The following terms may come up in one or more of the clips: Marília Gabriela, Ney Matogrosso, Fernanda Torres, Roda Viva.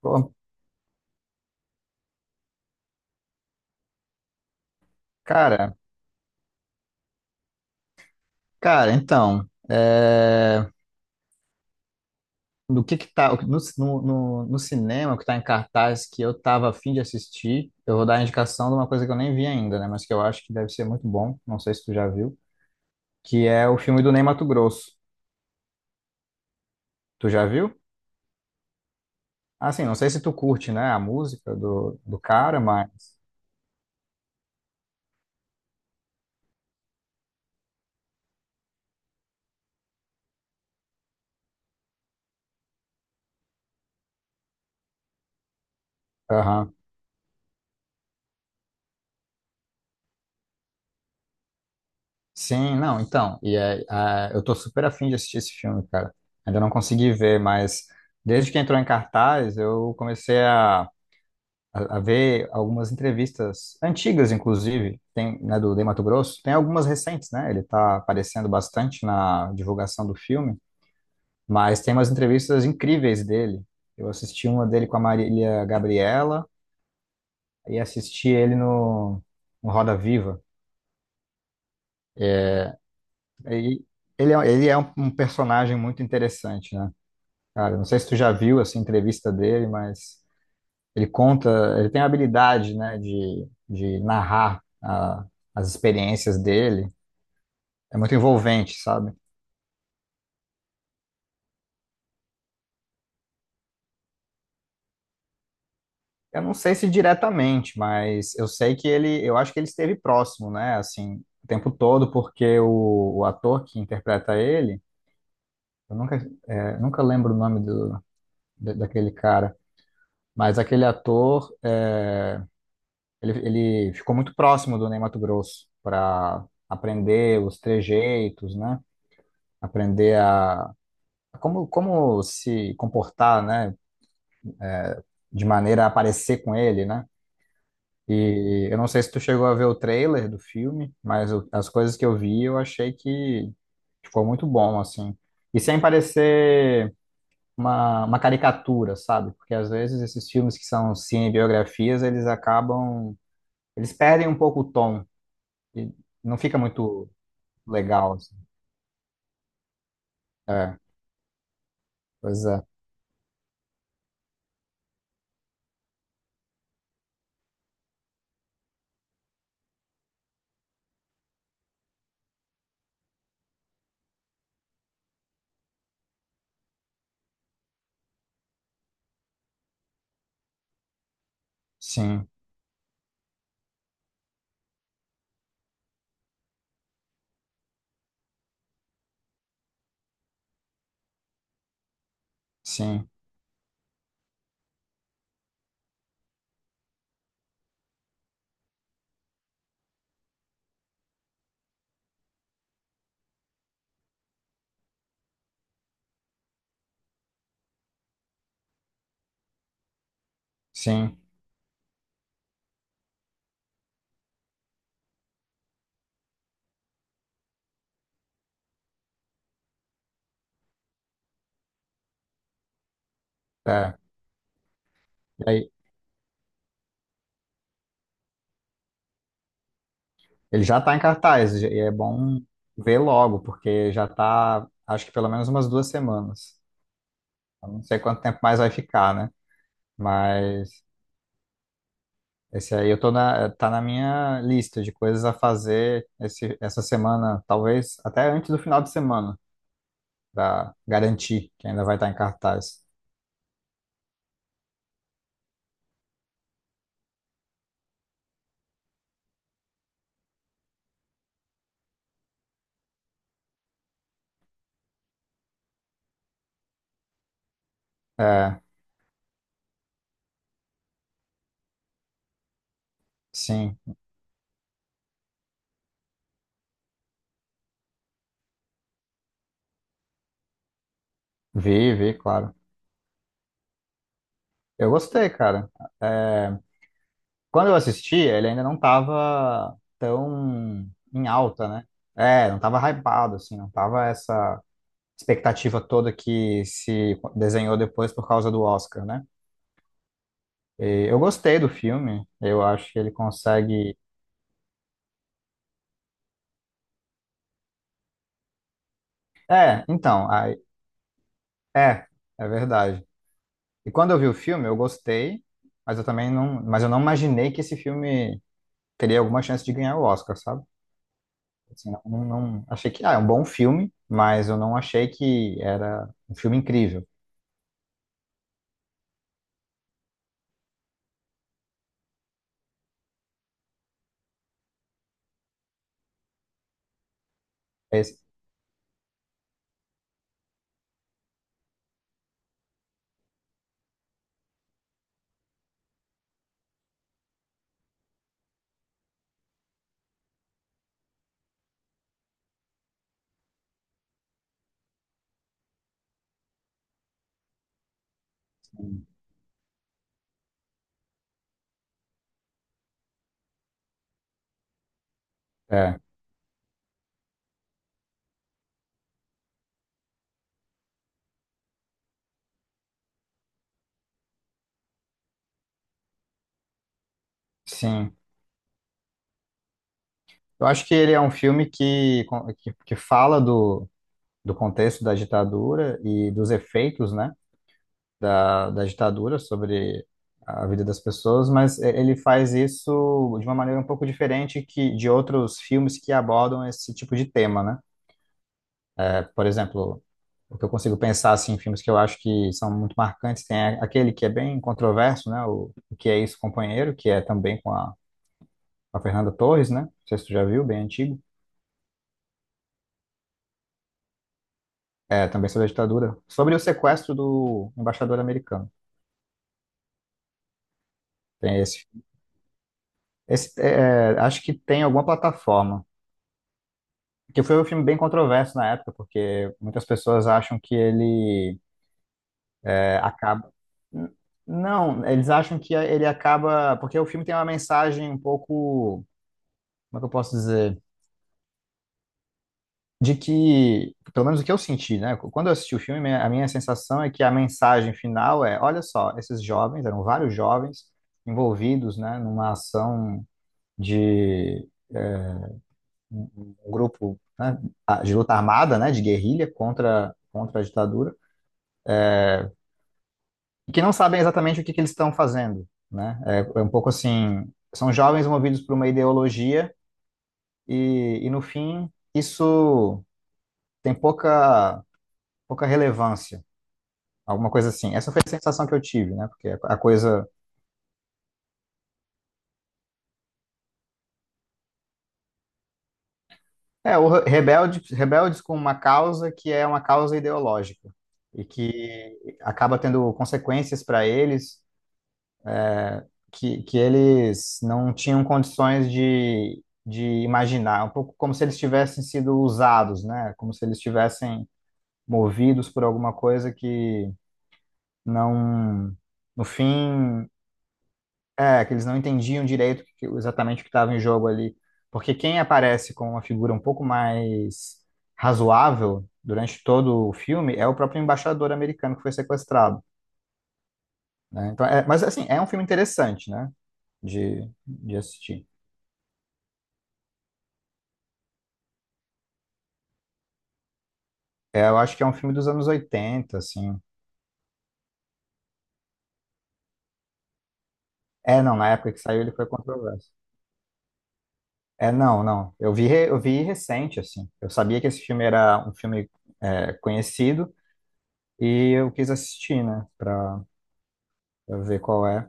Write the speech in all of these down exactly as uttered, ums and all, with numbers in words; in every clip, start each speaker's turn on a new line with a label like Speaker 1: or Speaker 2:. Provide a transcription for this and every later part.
Speaker 1: Pô, Cara, cara, então, é, no que que tá, no, no, no- no cinema que tá em cartaz que eu tava a fim de assistir, eu vou dar a indicação de uma coisa que eu nem vi ainda, né, mas que eu acho que deve ser muito bom, não sei se tu já viu, que é o filme do Ney Matogrosso. Tu já viu? Assim, não sei se tu curte, né, a música do, do cara, mas... Aham. Sim, não, então, e é, ah, eu tô super afim de assistir esse filme, cara. Ainda não consegui ver, mas desde que entrou em cartaz, eu comecei a a, a ver algumas entrevistas antigas, inclusive, tem, né, do Ney Matogrosso, tem algumas recentes, né? Ele está aparecendo bastante na divulgação do filme, mas tem umas entrevistas incríveis dele. Eu assisti uma dele com a Marília Gabriela e assisti ele no, no Roda Viva. É, E ele é, ele é um, um personagem muito interessante, né? Cara, não sei se tu já viu essa entrevista dele, mas Ele conta, ele tem a habilidade, né, de, de narrar a- as experiências dele. É muito envolvente, sabe? Eu não sei se diretamente, mas eu sei que ele, eu acho que ele esteve próximo, né, assim, o tempo todo, porque o, o ator que interpreta ele, eu nunca, é, nunca lembro o nome do, da- daquele cara, mas aquele ator, é, ele, ele ficou muito próximo do Ney Matogrosso para aprender os trejeitos, né? aprender a, como, como se comportar, né? De maneira a aparecer com ele, né? E eu não sei se tu chegou a ver o trailer do filme, mas o- as coisas que eu vi, eu achei que ficou muito bom, assim. E sem parecer uma, uma caricatura, sabe? Porque às vezes esses filmes que são cinebiografias, eles acabam. Eles perdem um pouco o tom e não fica muito legal, assim. É, pois é. Sim, sim, sim. É. Ele já está em cartaz e é bom ver logo, porque já está, acho que pelo menos umas duas semanas. Eu não sei quanto tempo mais vai ficar, né? Mas esse aí eu tô na, tá na minha lista de coisas a fazer esse, essa semana, talvez até antes do final de semana, para garantir que ainda vai estar em cartaz. É, sim, vi, vi, claro. Eu gostei, cara. É, quando eu assisti, ele ainda não tava tão em alta, né? É, não tava hypado, assim, não tava essa expectativa toda que se desenhou depois por causa do Oscar, né? E eu gostei do filme, eu acho que ele consegue. É, então, aí- é, é verdade. E quando eu vi o filme, eu gostei, mas eu também não, mas eu não imaginei que esse filme teria alguma chance de ganhar o Oscar, sabe? Assim, não, não, não-, achei que, ah, é um bom filme, mas eu não achei que era um filme incrível. Esse- É, sim. Eu acho que ele é um filme que, que, que fala do, do contexto da ditadura e dos efeitos, né, da, da ditadura sobre a vida das pessoas, mas e- ele faz isso de uma maneira um pouco diferente que de outros filmes que abordam esse tipo de tema, né? É, por exemplo, o que eu consigo pensar assim, em filmes que eu acho que são muito marcantes, tem a- aquele que é bem controverso, né, o, o Que É Isso, Companheiro, que é também com a a Fernanda Torres, né? Não sei se tu já viu, bem antigo. É, também sobre a ditadura. Sobre o sequestro do embaixador americano. Tem esse. Esse, é, é, acho que tem alguma plataforma. Que foi um filme bem controverso na época, porque muitas pessoas acham que ele é, acaba. N- Não, eles acham que ele acaba. Porque o filme tem uma mensagem um pouco. Como é que eu posso dizer? De que, pelo menos o que eu senti, né? Quando eu assisti o filme, minha- a minha sensação é que a mensagem final é, olha só, esses jovens, eram vários jovens envolvidos, né, numa ação de eh, um um grupo, né, de luta armada, né, de guerrilha contra contra a ditadura, e que não sabem exatamente o que que eles estão fazendo, né? É, é um pouco assim, são jovens movidos por uma ideologia e, e no fim isso tem pouca pouca relevância. Alguma coisa assim. Essa foi a sensação que eu tive, né? Porque a coisa. É, o re- rebelde, rebeldes com uma causa que é uma causa ideológica e que acaba tendo consequências para eles que, que eles não tinham condições de, de imaginar. É um pouco como se eles tivessem sido usados, né? Como se eles tivessem movidos por alguma coisa que não, no fim, é, que eles não entendiam direito o que- exatamente o que estava em jogo ali. Porque quem aparece com uma figura um pouco mais razoável durante todo o filme é o próprio embaixador americano que foi sequestrado, né? Então, é- mas assim, é um filme interessante, né? De, de assistir. É, eu acho que é um filme dos anos oitenta assim. É, não, na época que saiu ele foi controverso. É, não, não. Eu vi, re- eu vi recente, assim. Eu sabia que esse filme era um filme é, conhecido e eu quis assistir, né? Pra, pra ver qual é.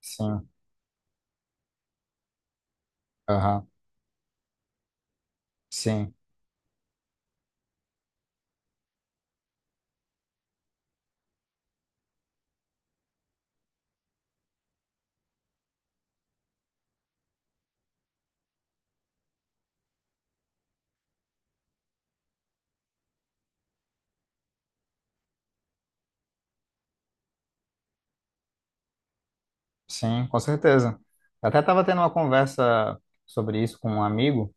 Speaker 1: Sim, aham, sim, sim, com certeza. Eu até estava tendo uma conversa sobre isso com um amigo,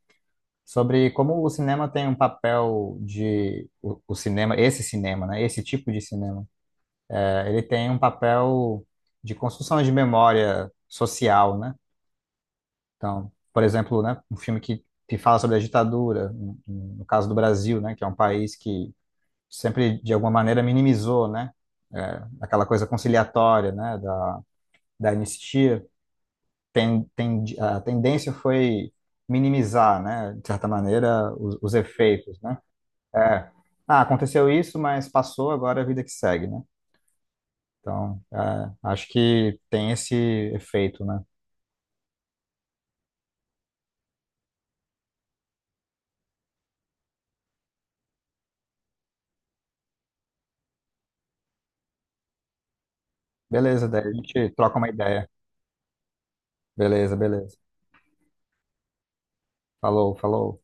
Speaker 1: sobre como o cinema tem um papel de. O, o cinema, esse cinema, né? Esse tipo de cinema. eh, Ele tem um papel de construção de memória social, né? Então, por exemplo, né, um filme que, que fala sobre a ditadura, no, no caso do Brasil, né? Que é um país que sempre, de alguma maneira, minimizou, né? eh, aquela coisa conciliatória, né? Da, da anistia. ten, ten, a tendência foi minimizar, né, de certa maneira, os, os efeitos, né? É, ah, aconteceu isso, mas passou, agora é a vida que segue, né? Então, é, acho que tem esse efeito, né? Beleza, daí a gente troca uma ideia. Beleza, beleza. Falou, falou.